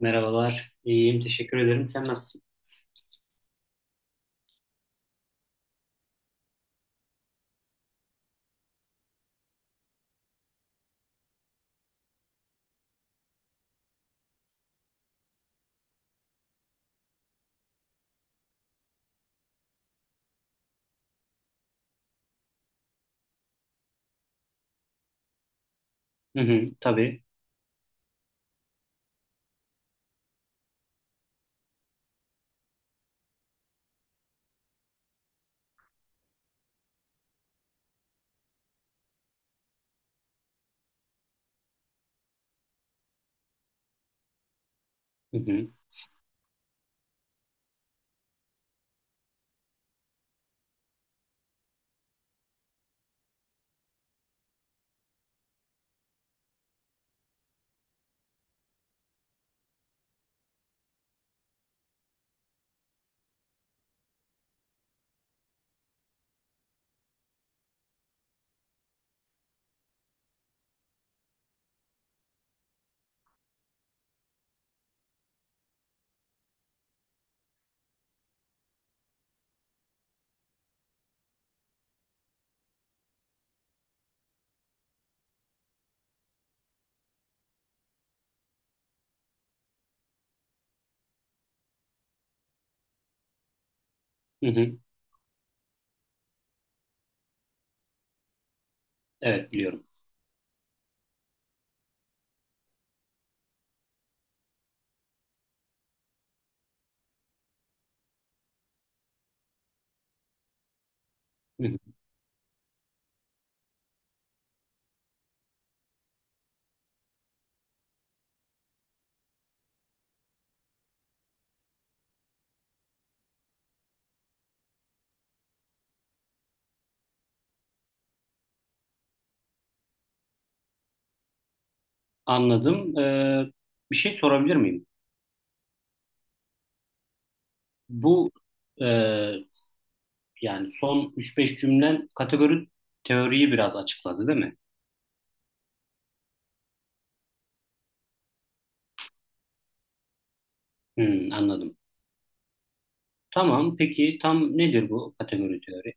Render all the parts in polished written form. Merhabalar. İyiyim. Teşekkür ederim. Sen nasılsın? Hı hı. Tabii. Hı hı. Hı hı. Evet biliyorum. Hı hı. Anladım. Bir şey sorabilir miyim? Bu e, yani son üç beş cümlen kategori teoriyi biraz açıkladı değil mi? Hı, anladım. Tamam. Peki tam nedir bu kategori teori?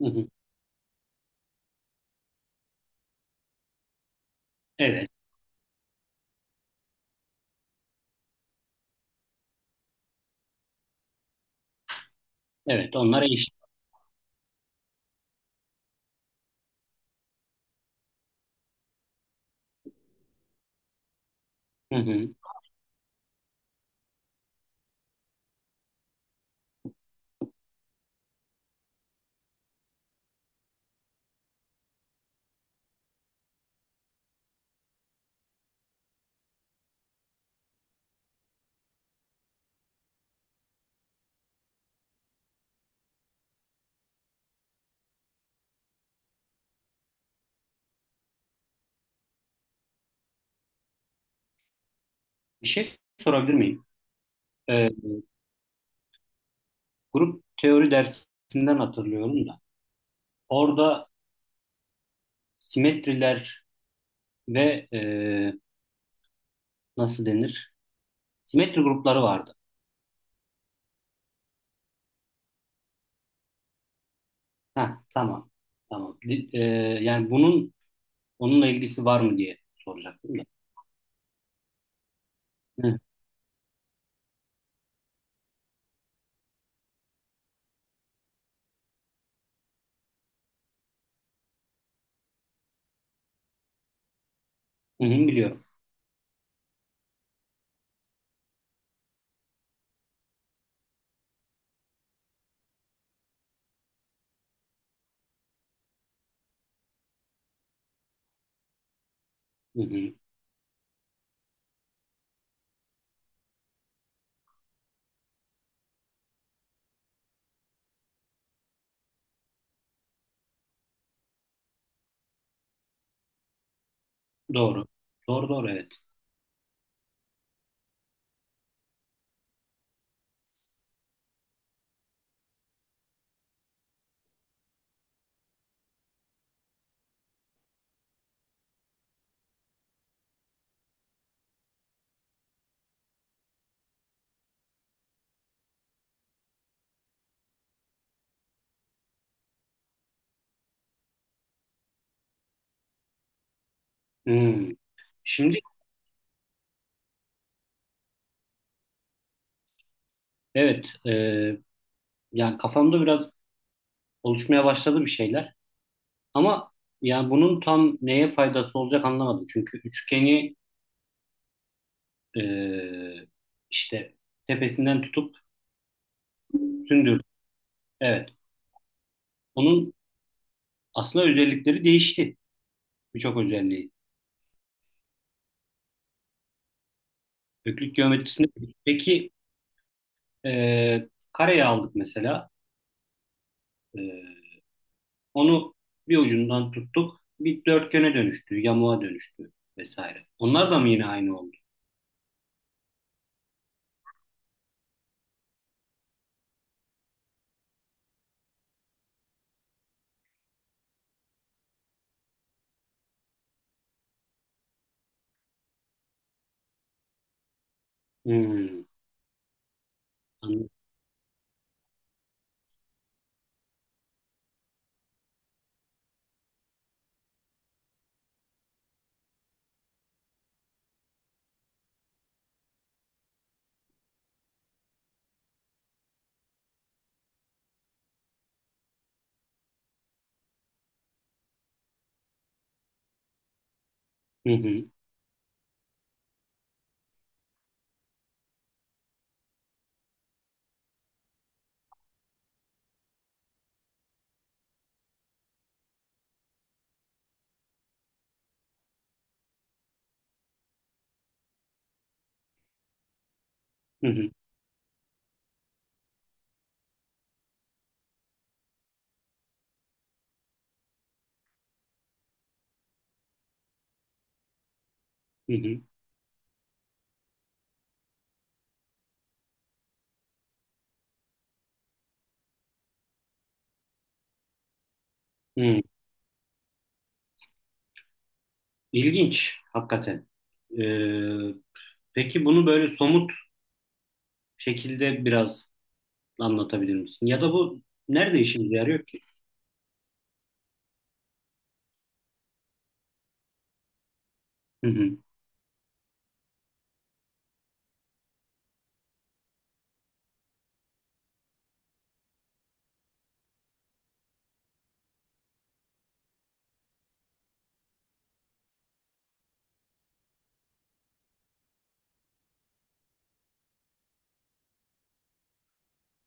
Hı hı. Evet. Evet. Onlar eşit. Hı hı. Bir şey sorabilir miyim? Ee, grup teori dersinden hatırlıyorum da. Orada simetriler ve nasıl denir? Simetri grupları vardı. Ha tamam. Tamam. Yani bunun onunla ilgisi var mı diye soracaktım da. Hı, hı, hı, biliyorum. Hı, hı. Doğru. Doğru doğru evet. Hı. Şimdi evet yani kafamda biraz oluşmaya başladı bir şeyler. Ama yani bunun tam neye faydası olacak anlamadım. Çünkü üçgeni e, işte tepesinden tutup sündürdüm. Evet. Onun aslında özellikleri değişti. Birçok özelliği. Köklük geometrisinde. Peki kareyi aldık mesela. E, onu bir ucundan tuttuk. Bir dörtgene dönüştü, yamuğa dönüştü vesaire. Onlar da mı yine aynı oldu? Hmm, anladım. Hı hı, hı hı, hı hı, hı. İlginç hakikaten. E, peki bunu böyle somut şekilde biraz anlatabilir misin? Ya da bu nerede işimize yarıyor ki? Hı hı,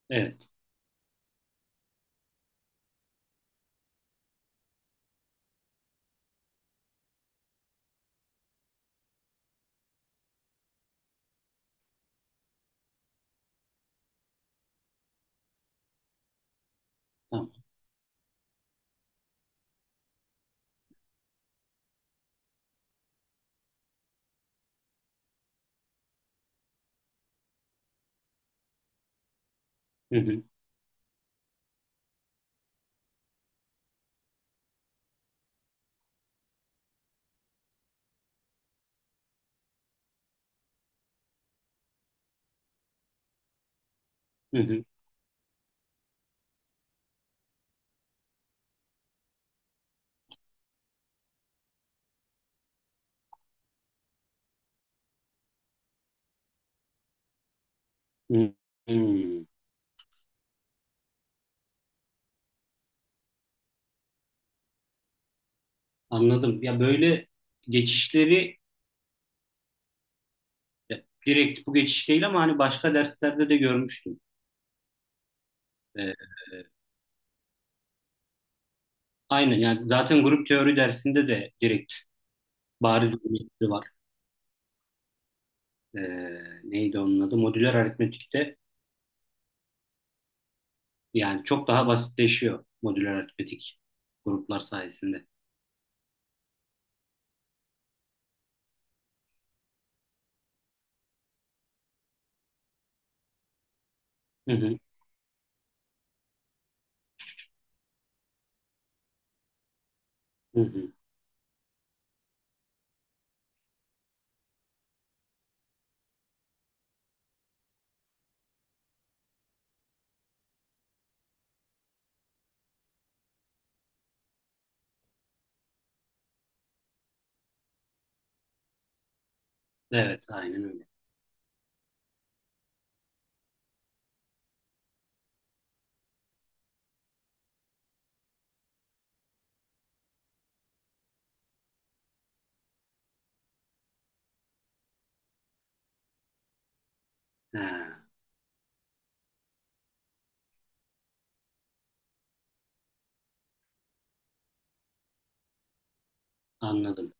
evet, tamam. Hı hı, hı hı, hı hı. Anladım. Ya böyle geçişleri ya direkt bu geçiş değil ama hani başka derslerde de görmüştüm. Ee, aynen yani zaten grup teori dersinde de direkt bariz bir geçişi var. Ee, neydi onun adı? Modüler aritmetikte yani çok daha basitleşiyor modüler aritmetik gruplar sayesinde. Hı hı, hı hı. Evet aynen öyle. Ha, anladım.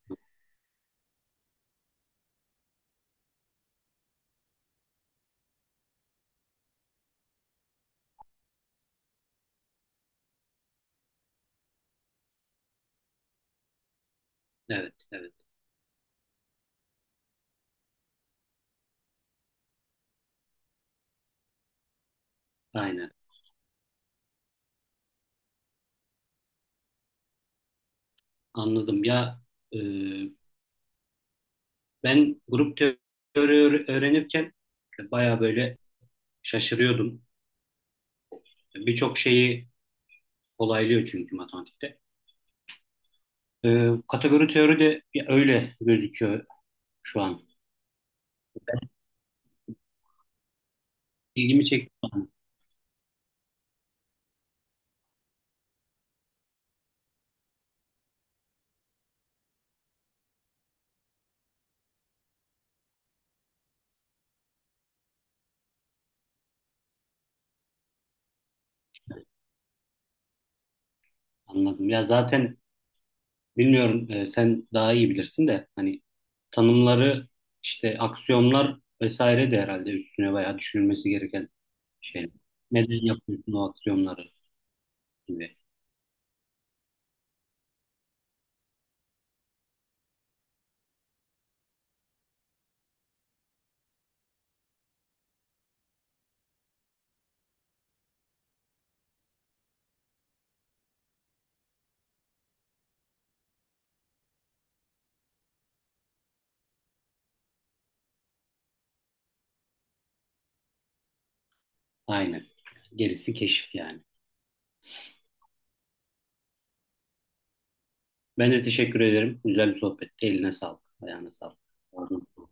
Evet evet aynen anladım. Ya e, ben grup teori öğrenirken baya böyle şaşırıyordum. Birçok şeyi kolaylıyor çünkü matematikte. Kategori teori de ya öyle gözüküyor şu an. İlgimi çekti, anladım. Ya zaten bilmiyorum, sen daha iyi bilirsin de hani tanımları işte aksiyonlar vesaire de herhalde üstüne bayağı düşünülmesi gereken şeyler. Neden yapıyorsun o aksiyonları gibi. Aynen. Gerisi keşif yani. Ben de teşekkür ederim. Güzel bir sohbetti. Eline sağlık. Ayağına sağlık. Ağzına sağlık.